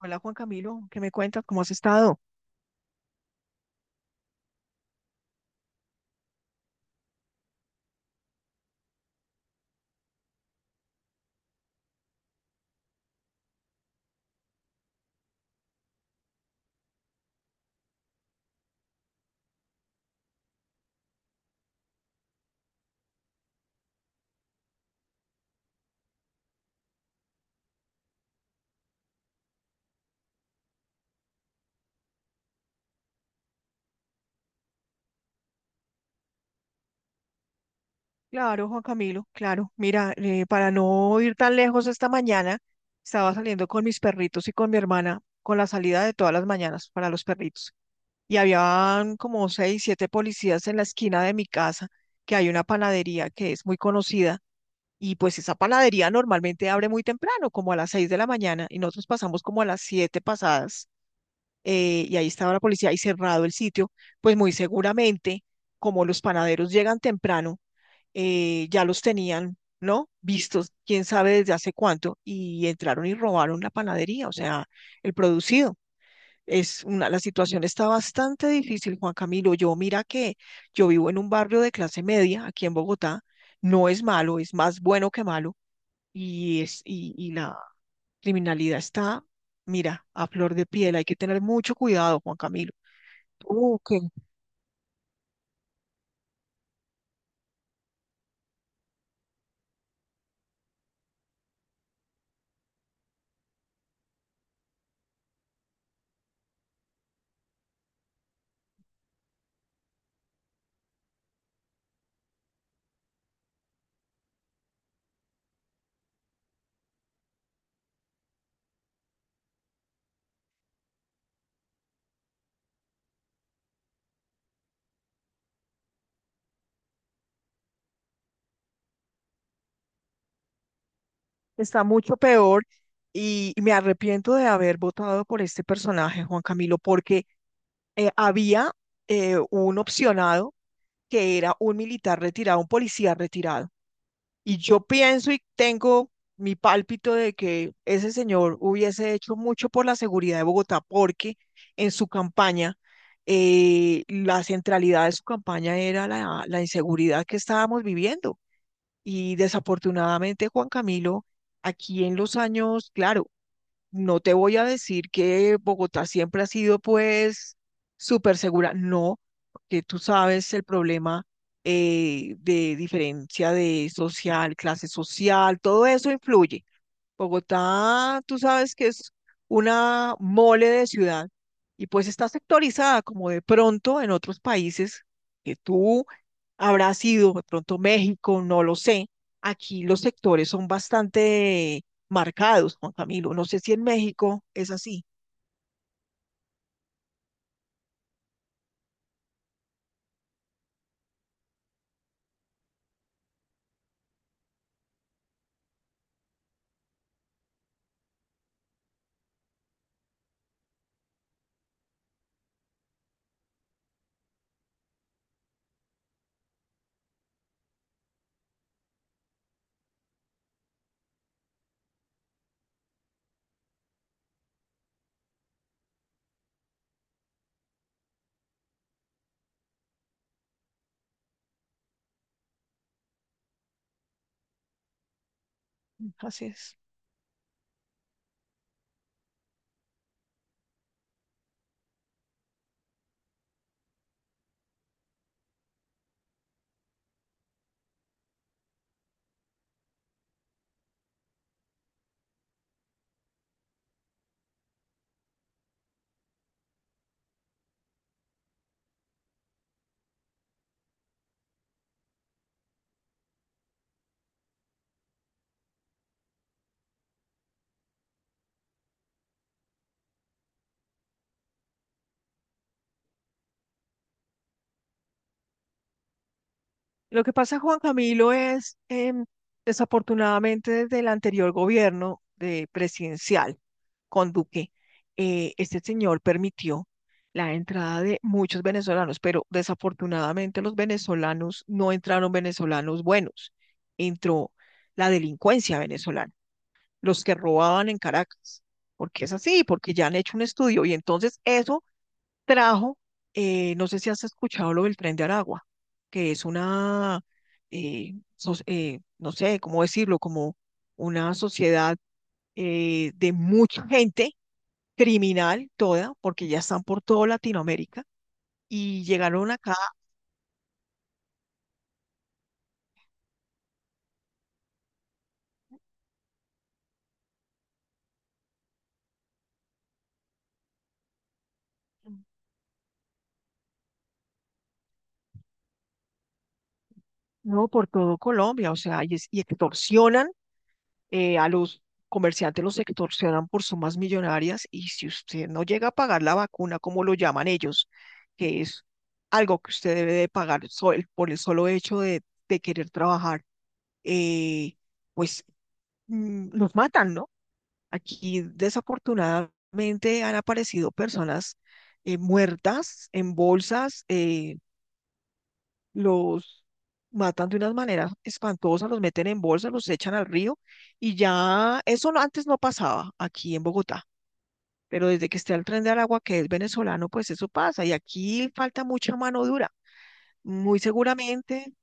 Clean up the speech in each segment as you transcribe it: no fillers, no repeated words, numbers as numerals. Hola Juan Camilo, ¿qué me cuentas? ¿Cómo has estado? Claro, Juan Camilo, claro. Mira, para no ir tan lejos esta mañana, estaba saliendo con mis perritos y con mi hermana con la salida de todas las mañanas para los perritos. Y habían como seis, siete policías en la esquina de mi casa, que hay una panadería que es muy conocida. Y pues esa panadería normalmente abre muy temprano, como a las 6 de la mañana, y nosotros pasamos como a las 7 pasadas, y ahí estaba la policía y cerrado el sitio, pues muy seguramente, como los panaderos llegan temprano, ya los tenían, ¿no? Vistos, quién sabe desde hace cuánto, y entraron y robaron la panadería, o sea, el producido. Es una, la situación está bastante difícil, Juan Camilo. Yo mira que yo vivo en un barrio de clase media aquí en Bogotá, no es malo, es más bueno que malo, y la criminalidad está, mira, a flor de piel. Hay que tener mucho cuidado, Juan Camilo. Que está mucho peor, y me arrepiento de haber votado por este personaje, Juan Camilo, porque había un opcionado que era un militar retirado, un policía retirado. Y yo pienso y tengo mi pálpito de que ese señor hubiese hecho mucho por la seguridad de Bogotá, porque en su campaña, la centralidad de su campaña era la inseguridad que estábamos viviendo. Y desafortunadamente, Juan Camilo, aquí en los años, claro, no te voy a decir que Bogotá siempre ha sido pues súper segura, no, porque tú sabes el problema, de diferencia de social, clase social, todo eso influye. Bogotá, tú sabes que es una mole de ciudad y pues está sectorizada como de pronto en otros países que tú Habrá sido de pronto México, no lo sé. Aquí los sectores son bastante marcados, Juan Camilo. No sé si en México es así. Así es. Lo que pasa, Juan Camilo, es desafortunadamente desde el anterior gobierno de presidencial con Duque, este señor permitió la entrada de muchos venezolanos, pero desafortunadamente los venezolanos no entraron venezolanos buenos, entró la delincuencia venezolana. Los que robaban en Caracas, porque es así, porque ya han hecho un estudio y entonces eso trajo, no sé si has escuchado lo del tren de Aragua, que es una, no sé cómo decirlo, como una sociedad, de mucha gente criminal toda, porque ya están por toda Latinoamérica y llegaron acá, no, por todo Colombia, o sea, y extorsionan, a los comerciantes los extorsionan por sumas millonarias, y si usted no llega a pagar la vacuna, como lo llaman ellos, que es algo que usted debe de pagar, por el solo hecho de querer trabajar, eh, pues los matan, ¿no? Aquí desafortunadamente han aparecido personas, muertas en bolsas. Los matan de unas maneras espantosas, los meten en bolsa, los echan al río, y ya eso antes no pasaba aquí en Bogotá, pero desde que está el Tren del Agua, que es venezolano, pues eso pasa y aquí falta mucha mano dura. Muy seguramente.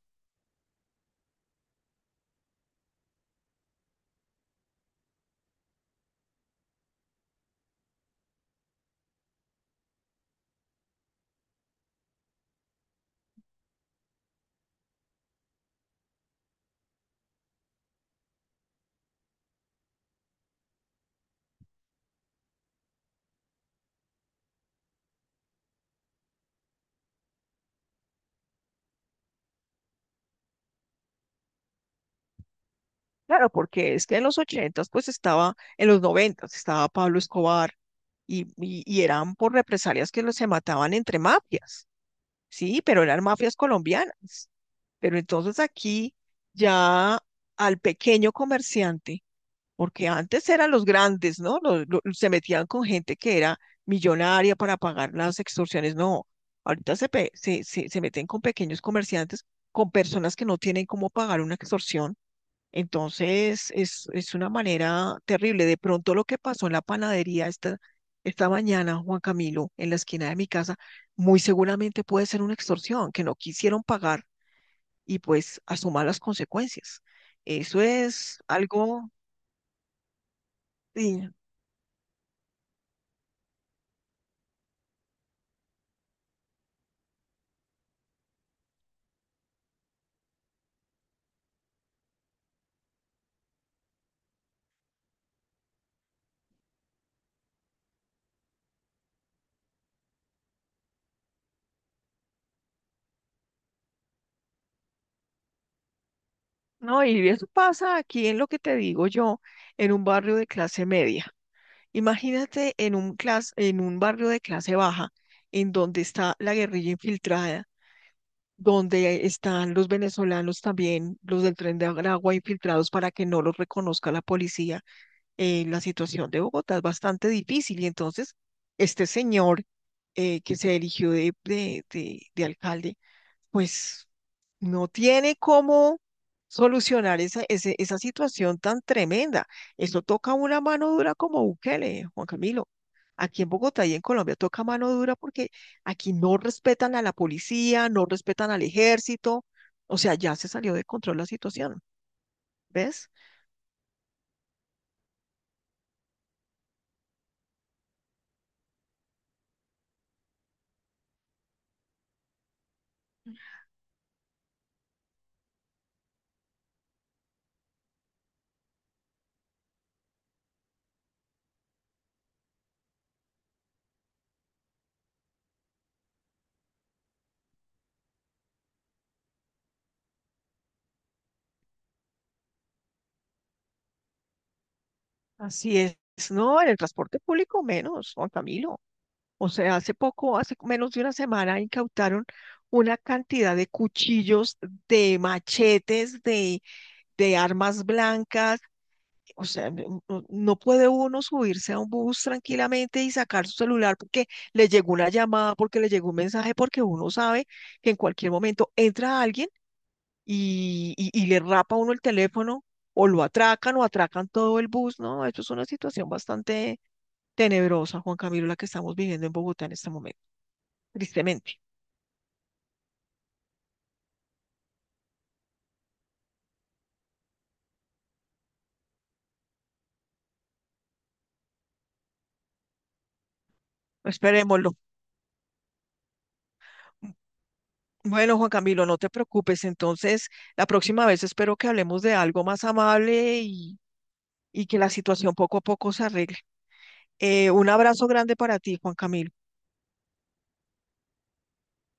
Claro, porque es que en los ochentas, pues estaba, en los noventas estaba Pablo Escobar, y eran por represalias que los, se mataban entre mafias, sí, pero eran mafias colombianas. Pero entonces aquí ya al pequeño comerciante, porque antes eran los grandes, ¿no? Se metían con gente que era millonaria para pagar las extorsiones, no. Ahorita se, pe- se meten con pequeños comerciantes, con personas que no tienen cómo pagar una extorsión, entonces es una manera terrible. De pronto lo que pasó en la panadería esta, esta mañana, Juan Camilo, en la esquina de mi casa, muy seguramente puede ser una extorsión, que no quisieron pagar y pues asuma las consecuencias. Eso es algo, sí, no, y eso pasa aquí en lo que te digo yo, en un barrio de clase media. Imagínate en un en un barrio de clase baja, en donde está la guerrilla infiltrada, donde están los venezolanos también, los del Tren de Aragua infiltrados para que no los reconozca la policía. La situación de Bogotá es bastante difícil y entonces este señor, que se eligió de, de alcalde, pues no tiene cómo solucionar esa, esa situación tan tremenda. Esto toca una mano dura como Bukele, Juan Camilo. Aquí en Bogotá y en Colombia toca mano dura porque aquí no respetan a la policía, no respetan al ejército. O sea, ya se salió de control la situación, ¿ves? Así es. No, en el transporte público menos, Juan Camilo. O sea, hace poco, hace menos de una semana, incautaron una cantidad de cuchillos, de machetes, de armas blancas. O sea, no, no, no puede uno subirse a un bus tranquilamente y sacar su celular porque le llegó una llamada, porque le llegó un mensaje, porque uno sabe que en cualquier momento entra alguien y le rapa a uno el teléfono o lo atracan o atracan todo el bus, ¿no? Esto es una situación bastante tenebrosa, Juan Camilo, la que estamos viviendo en Bogotá en este momento, tristemente. Esperémoslo. Bueno, Juan Camilo, no te preocupes. Entonces, la próxima vez espero que hablemos de algo más amable y que la situación poco a poco se arregle. Un abrazo grande para ti, Juan Camilo.